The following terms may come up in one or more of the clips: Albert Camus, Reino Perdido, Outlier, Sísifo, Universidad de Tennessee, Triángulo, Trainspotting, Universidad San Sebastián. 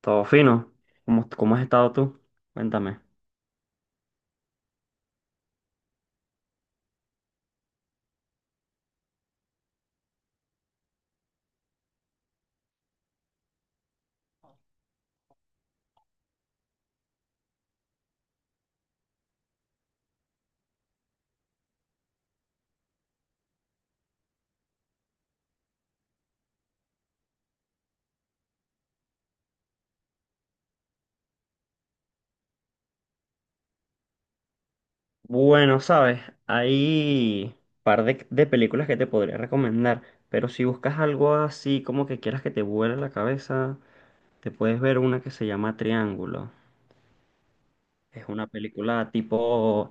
Todo fino. ¿Cómo has estado tú? Cuéntame. Bueno, sabes, hay par de películas que te podría recomendar, pero si buscas algo así como que quieras que te vuele la cabeza, te puedes ver una que se llama Triángulo. Es una película tipo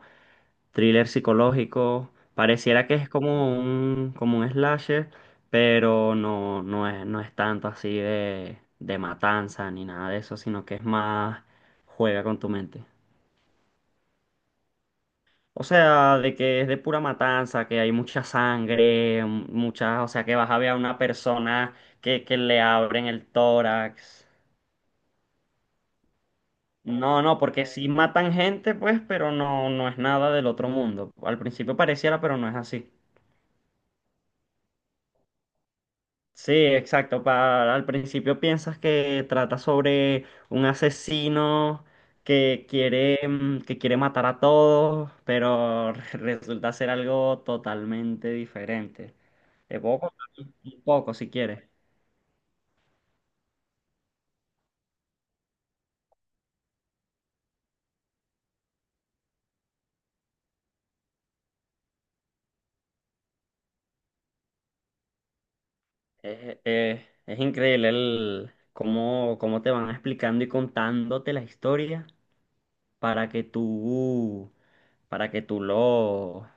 thriller psicológico. Pareciera que es como como un slasher, pero no es tanto así de matanza ni nada de eso, sino que es más juega con tu mente. O sea, de que es de pura matanza, que hay mucha sangre, muchas, o sea, que vas a ver a una persona que le abren el tórax. No, no, porque sí matan gente, pues, pero no es nada del otro mundo. Al principio pareciera, pero no es así. Sí, exacto. Al principio piensas que trata sobre un asesino que quiere, que quiere matar a todos, pero resulta ser algo totalmente diferente. Es poco. Un poco, si quieres. Es, es- es increíble cómo te van explicando y contándote la historia para que tú, para que tú lo,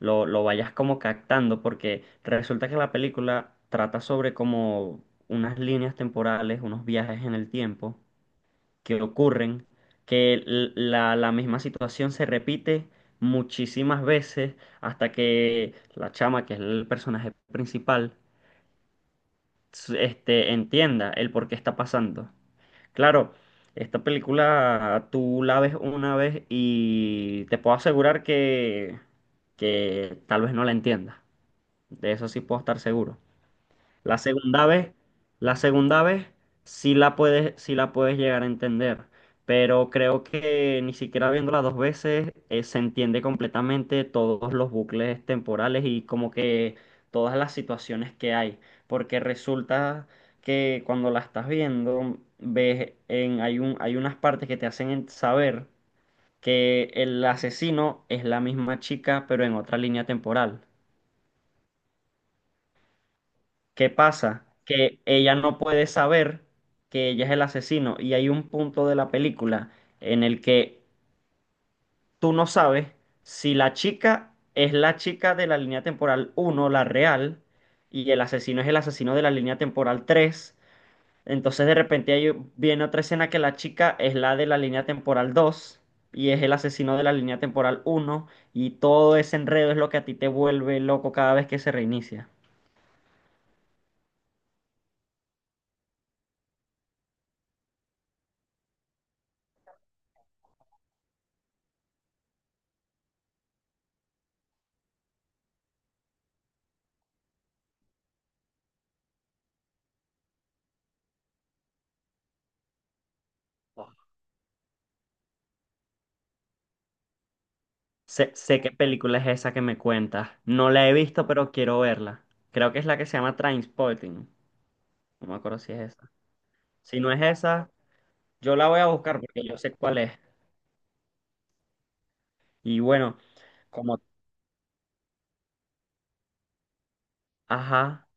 lo, lo vayas como captando, porque resulta que la película trata sobre como unas líneas temporales, unos viajes en el tiempo que ocurren, que la misma situación se repite muchísimas veces hasta que la chama, que es el personaje principal, entienda el por qué está pasando. Claro, esta película tú la ves una vez y te puedo asegurar que tal vez no la entiendas. De eso sí puedo estar seguro. La segunda vez, la segunda vez sí la puedes llegar a entender, pero creo que ni siquiera viéndola dos veces se entiende completamente todos los bucles temporales y como que todas las situaciones que hay, porque resulta que cuando la estás viendo ves en hay un hay unas partes que te hacen saber que el asesino es la misma chica, pero en otra línea temporal. ¿Qué pasa? Que ella no puede saber que ella es el asesino y hay un punto de la película en el que tú no sabes si la chica es la chica de la línea temporal uno, la real, y el asesino es el asesino de la línea temporal 3. Entonces de repente ahí viene otra escena que la chica es la de la línea temporal 2 y es el asesino de la línea temporal uno y todo ese enredo es lo que a ti te vuelve loco cada vez que se reinicia. Sé qué película es esa que me cuentas. No la he visto, pero quiero verla. Creo que es la que se llama Trainspotting. No me acuerdo si es esa. Si no es esa, yo la voy a buscar porque yo sé cuál es. Y bueno, como... Ajá.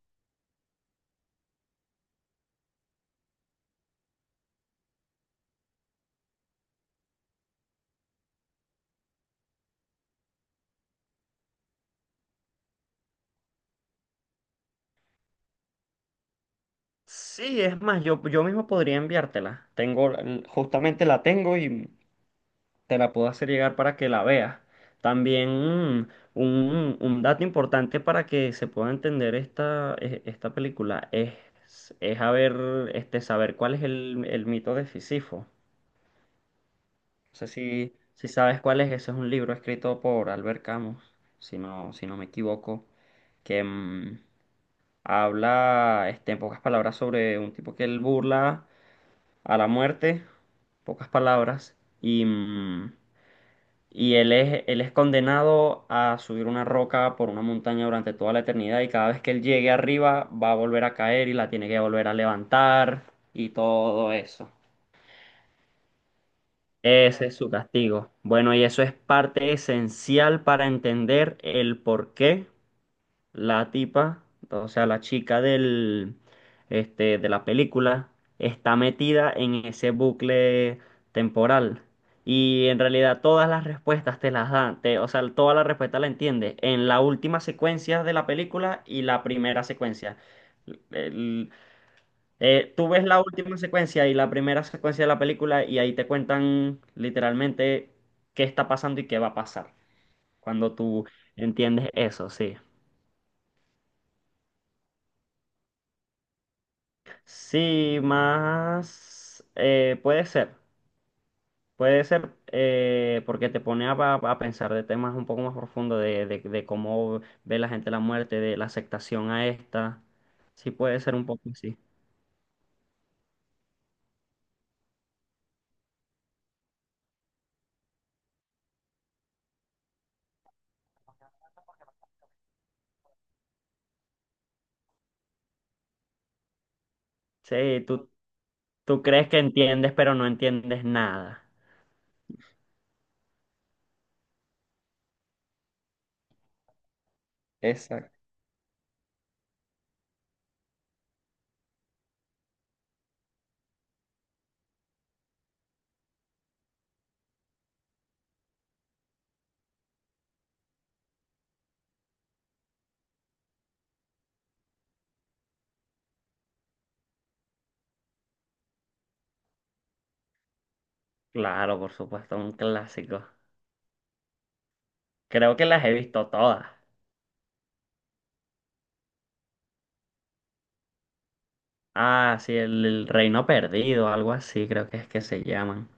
Sí, es más, yo mismo podría enviártela. Tengo, justamente la tengo y te la puedo hacer llegar para que la veas. También mm, un dato importante para que se pueda entender esta película es haber, este, saber cuál es el mito de Sísifo. No sé si sabes cuál es, ese es un libro escrito por Albert Camus, si no, si no me equivoco, que habla este, en pocas palabras sobre un tipo que él burla a la muerte, pocas palabras, y él es condenado a subir una roca por una montaña durante toda la eternidad y cada vez que él llegue arriba va a volver a caer y la tiene que volver a levantar y todo eso. Ese es su castigo. Bueno, y eso es parte esencial para entender el porqué la tipa, o sea, la chica de la película, está metida en ese bucle temporal. Y en realidad todas las respuestas te las dan, o sea, todas las respuestas la entiendes en la última secuencia de la película y la primera secuencia. El- Tú ves la última secuencia y la primera secuencia de la película y ahí te cuentan literalmente qué está pasando y qué va a pasar. Cuando tú entiendes eso, sí. Sí, más puede ser porque te pone a pensar de temas un poco más profundos de, de cómo ve la gente la muerte, de la aceptación a esta. Sí, puede ser un poco así. Sí, tú crees que entiendes, pero no entiendes nada. Exacto. Claro, por supuesto, un clásico. Creo que las he visto todas. Ah, sí, el Reino Perdido, algo así, creo que es que se llaman.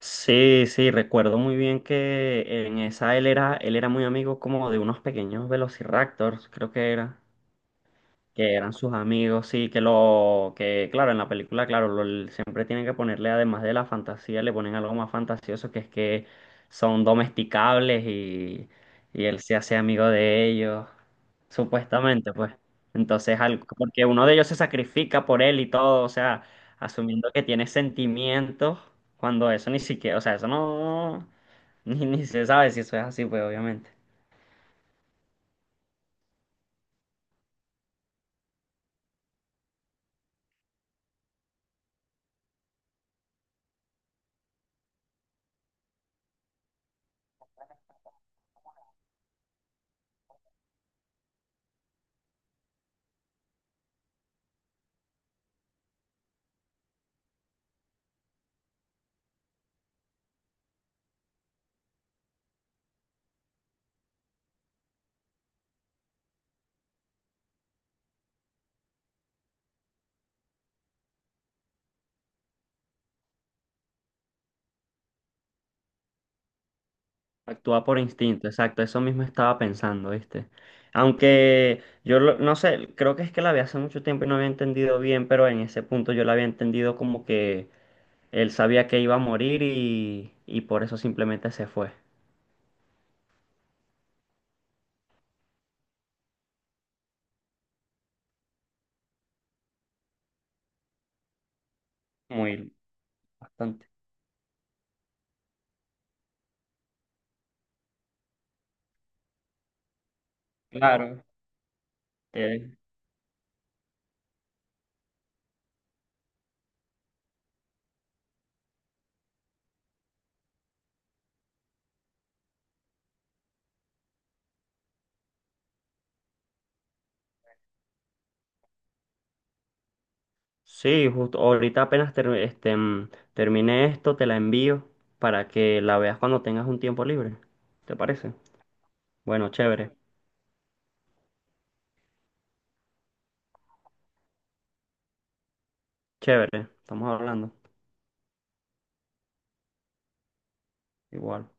Sí, sí, recuerdo muy bien que en esa él era muy amigo como de unos pequeños velociraptors, creo que era que eran sus amigos, sí, que lo, que claro, en la película, claro, siempre tienen que ponerle, además de la fantasía, le ponen algo más fantasioso, que es que son domesticables y él se hace amigo de ellos, supuestamente, pues. Entonces, porque uno de ellos se sacrifica por él y todo, o sea, asumiendo que tiene sentimientos, cuando eso ni siquiera, o sea, eso no, ni se sabe si eso es así, pues, obviamente. Actúa por instinto, exacto, eso mismo estaba pensando, ¿viste? Aunque no sé, creo que es que la vi hace mucho tiempo y no había entendido bien, pero en ese punto yo la había entendido como que él sabía que iba a morir y por eso simplemente se fue. Muy bastante. Claro. Eh, sí, justo ahorita apenas termine esto, te la envío para que la veas cuando tengas un tiempo libre. ¿Te parece? Bueno, chévere, chévere, estamos hablando. Igual.